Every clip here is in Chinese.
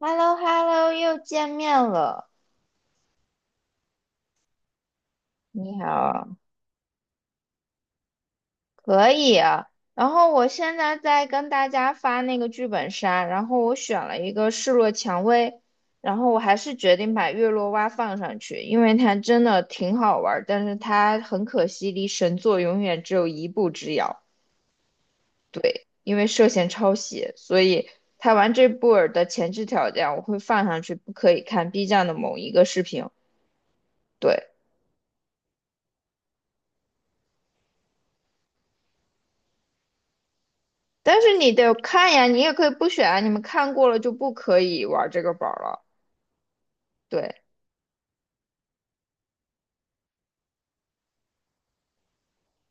h e l l o h e l l o 又见面了。你好，可以啊。然后我现在在跟大家发那个剧本杀，然后我选了一个示弱蔷薇，然后我还是决定把月落蛙放上去，因为它真的挺好玩儿，但是它很可惜离神作永远只有一步之遥。对，因为涉嫌抄袭，所以它玩这部儿的前置条件我会放上去，不可以看 B 站的某一个视频。对。但是你得看呀，你也可以不选啊，你们看过了就不可以玩这个本儿了。对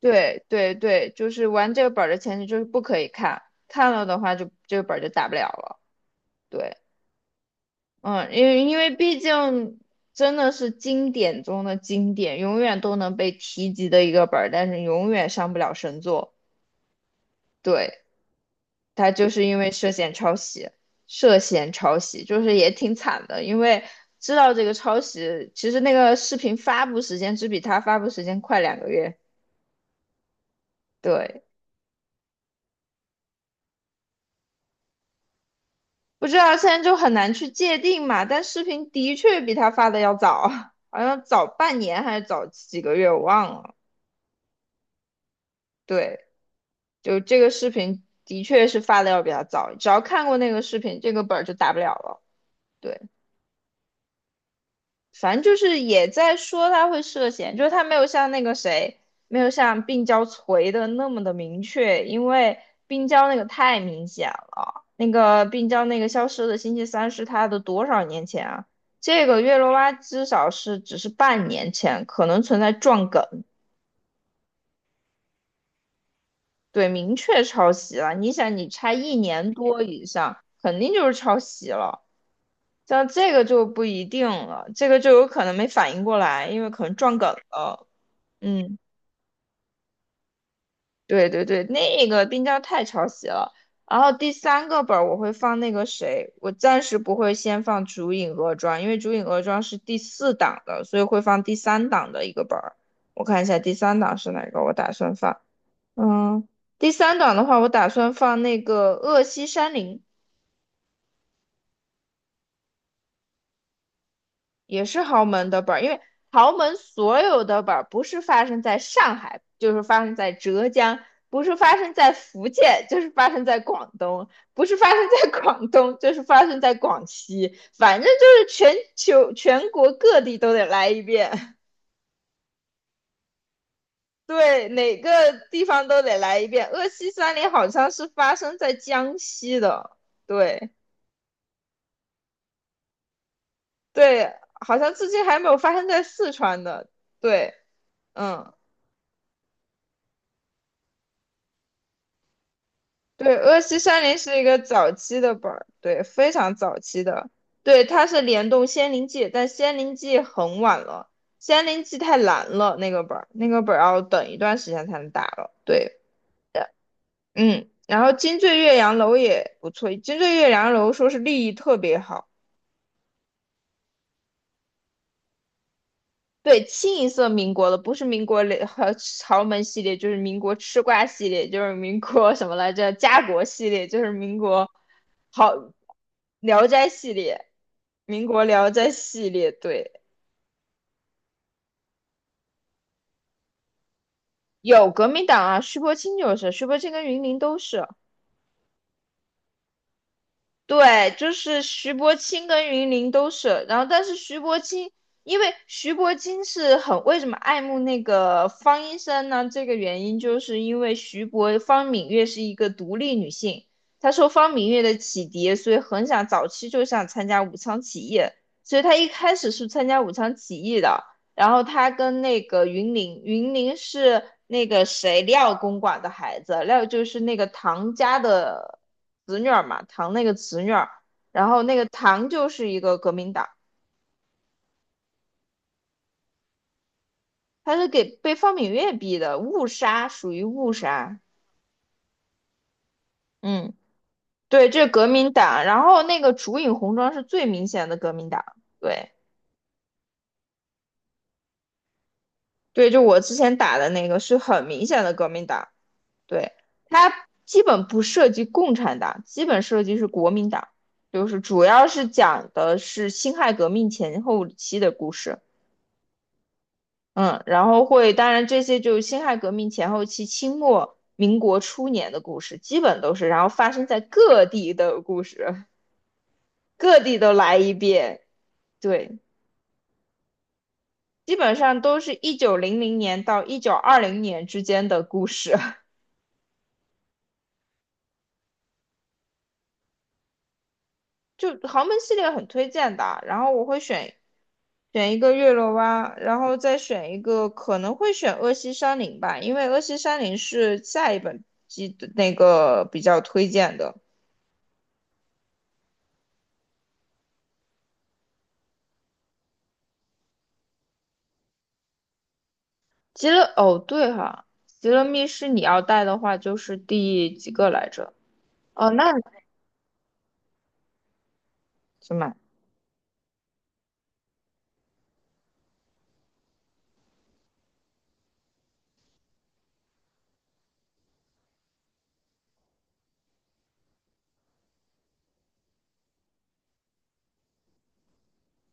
对对对，就是玩这个本儿的前提就是不可以看，看了的话就这个本儿就打不了了。对，嗯，因为毕竟真的是经典中的经典，永远都能被提及的一个本儿，但是永远上不了神作。对。他就是因为涉嫌抄袭，涉嫌抄袭，就是也挺惨的，因为知道这个抄袭，其实那个视频发布时间只比他发布时间快2个月，对，不知道现在就很难去界定嘛，但视频的确比他发的要早，好像早半年还是早几个月，我忘了，对，就这个视频的确是发的要比他早，只要看过那个视频，这个本儿就打不了了，对，反正就是也在说他会涉嫌，就是他没有像那个谁，没有像病娇锤的那么的明确，因为病娇那个太明显了。那个病娇那个消失的星期三是他的多少年前啊？这个月罗拉至少是只是半年前，可能存在撞梗，对，明确抄袭了。你想，你差一年多以上，肯定就是抄袭了。像这个就不一定了，这个就有可能没反应过来，因为可能撞梗了。嗯。对对对，那个冰雕太抄袭了。然后第三个本儿我会放那个谁，我暂时不会先放《烛影恶庄》，因为《烛影恶庄》是第四档的，所以会放第三档的一个本儿。我看一下第三档是哪个，我打算放。嗯，第三档的话，我打算放那个《恶西山林》。也是豪门的本儿，因为豪门所有的本儿不是发生在上海，就是发生在浙江；不是发生在福建，就是发生在广东；不是发生在广东，就是发生在广西。反正就是全球全国各地都得来一遍，对，哪个地方都得来一遍。鄂西三林好像是发生在江西的，对对，好像至今还没有发生在四川的，对，嗯。对，鄂西山林是一个早期的本儿，对，非常早期的。对，它是联动《仙灵记》，但《仙灵记》很晚了，《仙灵记》太难了，那个本儿，那个本儿要等一段时间才能打了。对，嗯，然后金醉岳阳楼也不错，金醉岳阳楼说是利益特别好，对，清一色民国的，不是民国雷和豪门系列，就是民国吃瓜系列，就是民国什么来着？家国系列，就是民国好聊斋系列，民国聊斋系列，对，有革命党啊，徐伯清就是，徐伯清跟云林都是。对，就是徐伯钦跟云林都是，然后但是徐伯钦，因为徐伯钦是很为什么爱慕那个方医生呢？这个原因就是因为徐伯方敏月是一个独立女性，她受方敏月的启迪，所以很想早期就想参加武昌起义，所以她一开始是参加武昌起义的，然后他跟那个云林，云林是那个谁廖公馆的孩子，廖就是那个唐家的侄女儿嘛，唐那个侄女儿，然后那个唐就是一个革命党，他是给被方敏岳逼的，误杀属于误杀，嗯，对，这是革命党，然后那个竹影红妆是最明显的革命党，对对，就我之前打的那个是很明显的革命党。对，它基本不涉及共产党，基本涉及是国民党，就是主要是讲的是辛亥革命前后期的故事。嗯，然后会，当然这些就是辛亥革命前后期、清末民国初年的故事，基本都是，然后发生在各地的故事，各地都来一遍。对，基本上都是1900年到1920年之间的故事。就豪门系列很推荐的，然后我会选选一个月落湾，然后再选一个可能会选恶西山林吧，因为恶西山林是下一本季的那个比较推荐的。极乐哦对哈，极乐密室你要带的话就是第几个来着？哦，那怎么？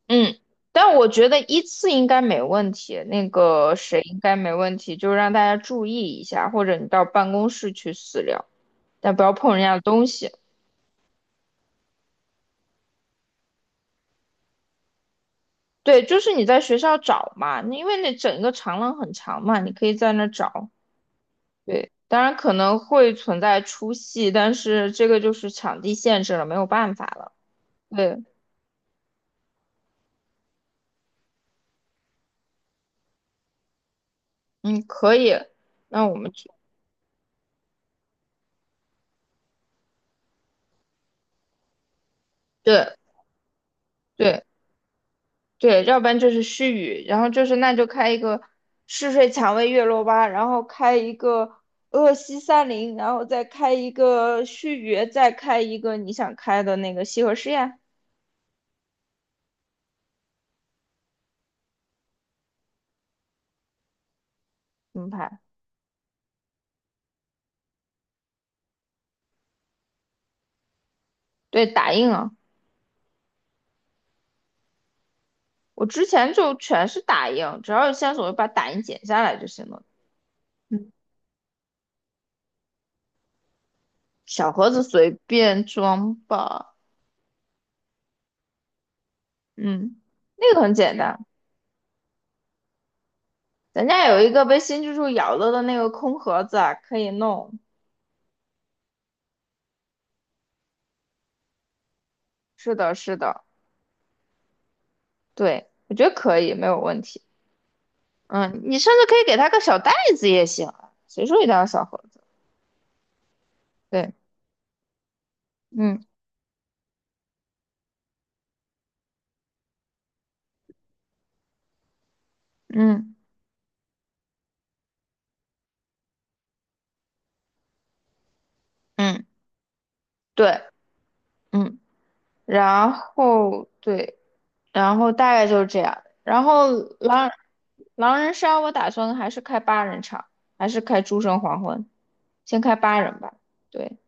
嗯，但我觉得依次应该没问题，那个谁应该没问题，就让大家注意一下，或者你到办公室去私聊，但不要碰人家的东西。对，就是你在学校找嘛，你因为那整个长廊很长嘛，你可以在那找。对，当然可能会存在出戏，但是这个就是场地限制了，没有办法了。对，嗯，可以。那我们就对对对，要不然就是虚语，然后就是那就开一个嗜睡蔷薇月落吧，然后开一个鄂西三林，然后再开一个须臾，再开一个你想开的那个西河实验，怎么排？对，打印啊。我之前就全是打印，只要有线索我就把打印剪下来就行了。嗯，小盒子随便装吧。嗯，那个很简单。咱家有一个被新蜘蛛咬了的那个空盒子啊，可以弄。是的，是的，对，我觉得可以，没有问题。嗯，你甚至可以给他个小袋子也行啊，谁说一定要小盒子？对，嗯嗯嗯，对，嗯，然后对，然后大概就是这样。然后狼狼人杀，我打算还是开八人场，还是开诸神黄昏，先开八人吧。对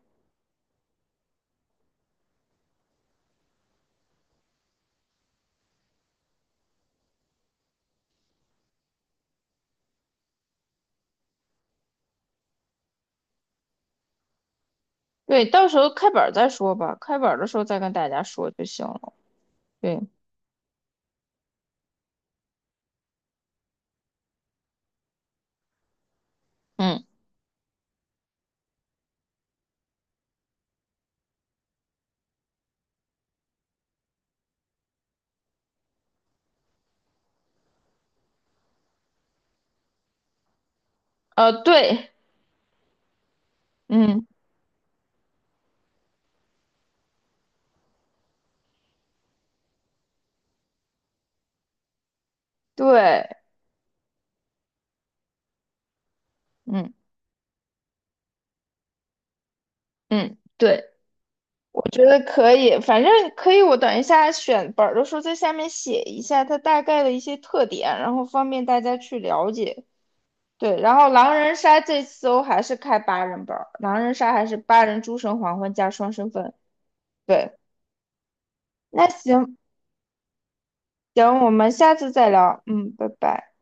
对，到时候开本儿再说吧，开本儿的时候再跟大家说就行了。对，嗯，对，嗯，对，嗯嗯，对，我觉得可以，反正可以。我等一下选本儿的时候，在下面写一下它大概的一些特点，然后方便大家去了解。对，然后狼人杀这次我还是开8人本儿狼人杀还是八人诸神黄昏加双身份。对，那行行，我们下次再聊。嗯，拜拜。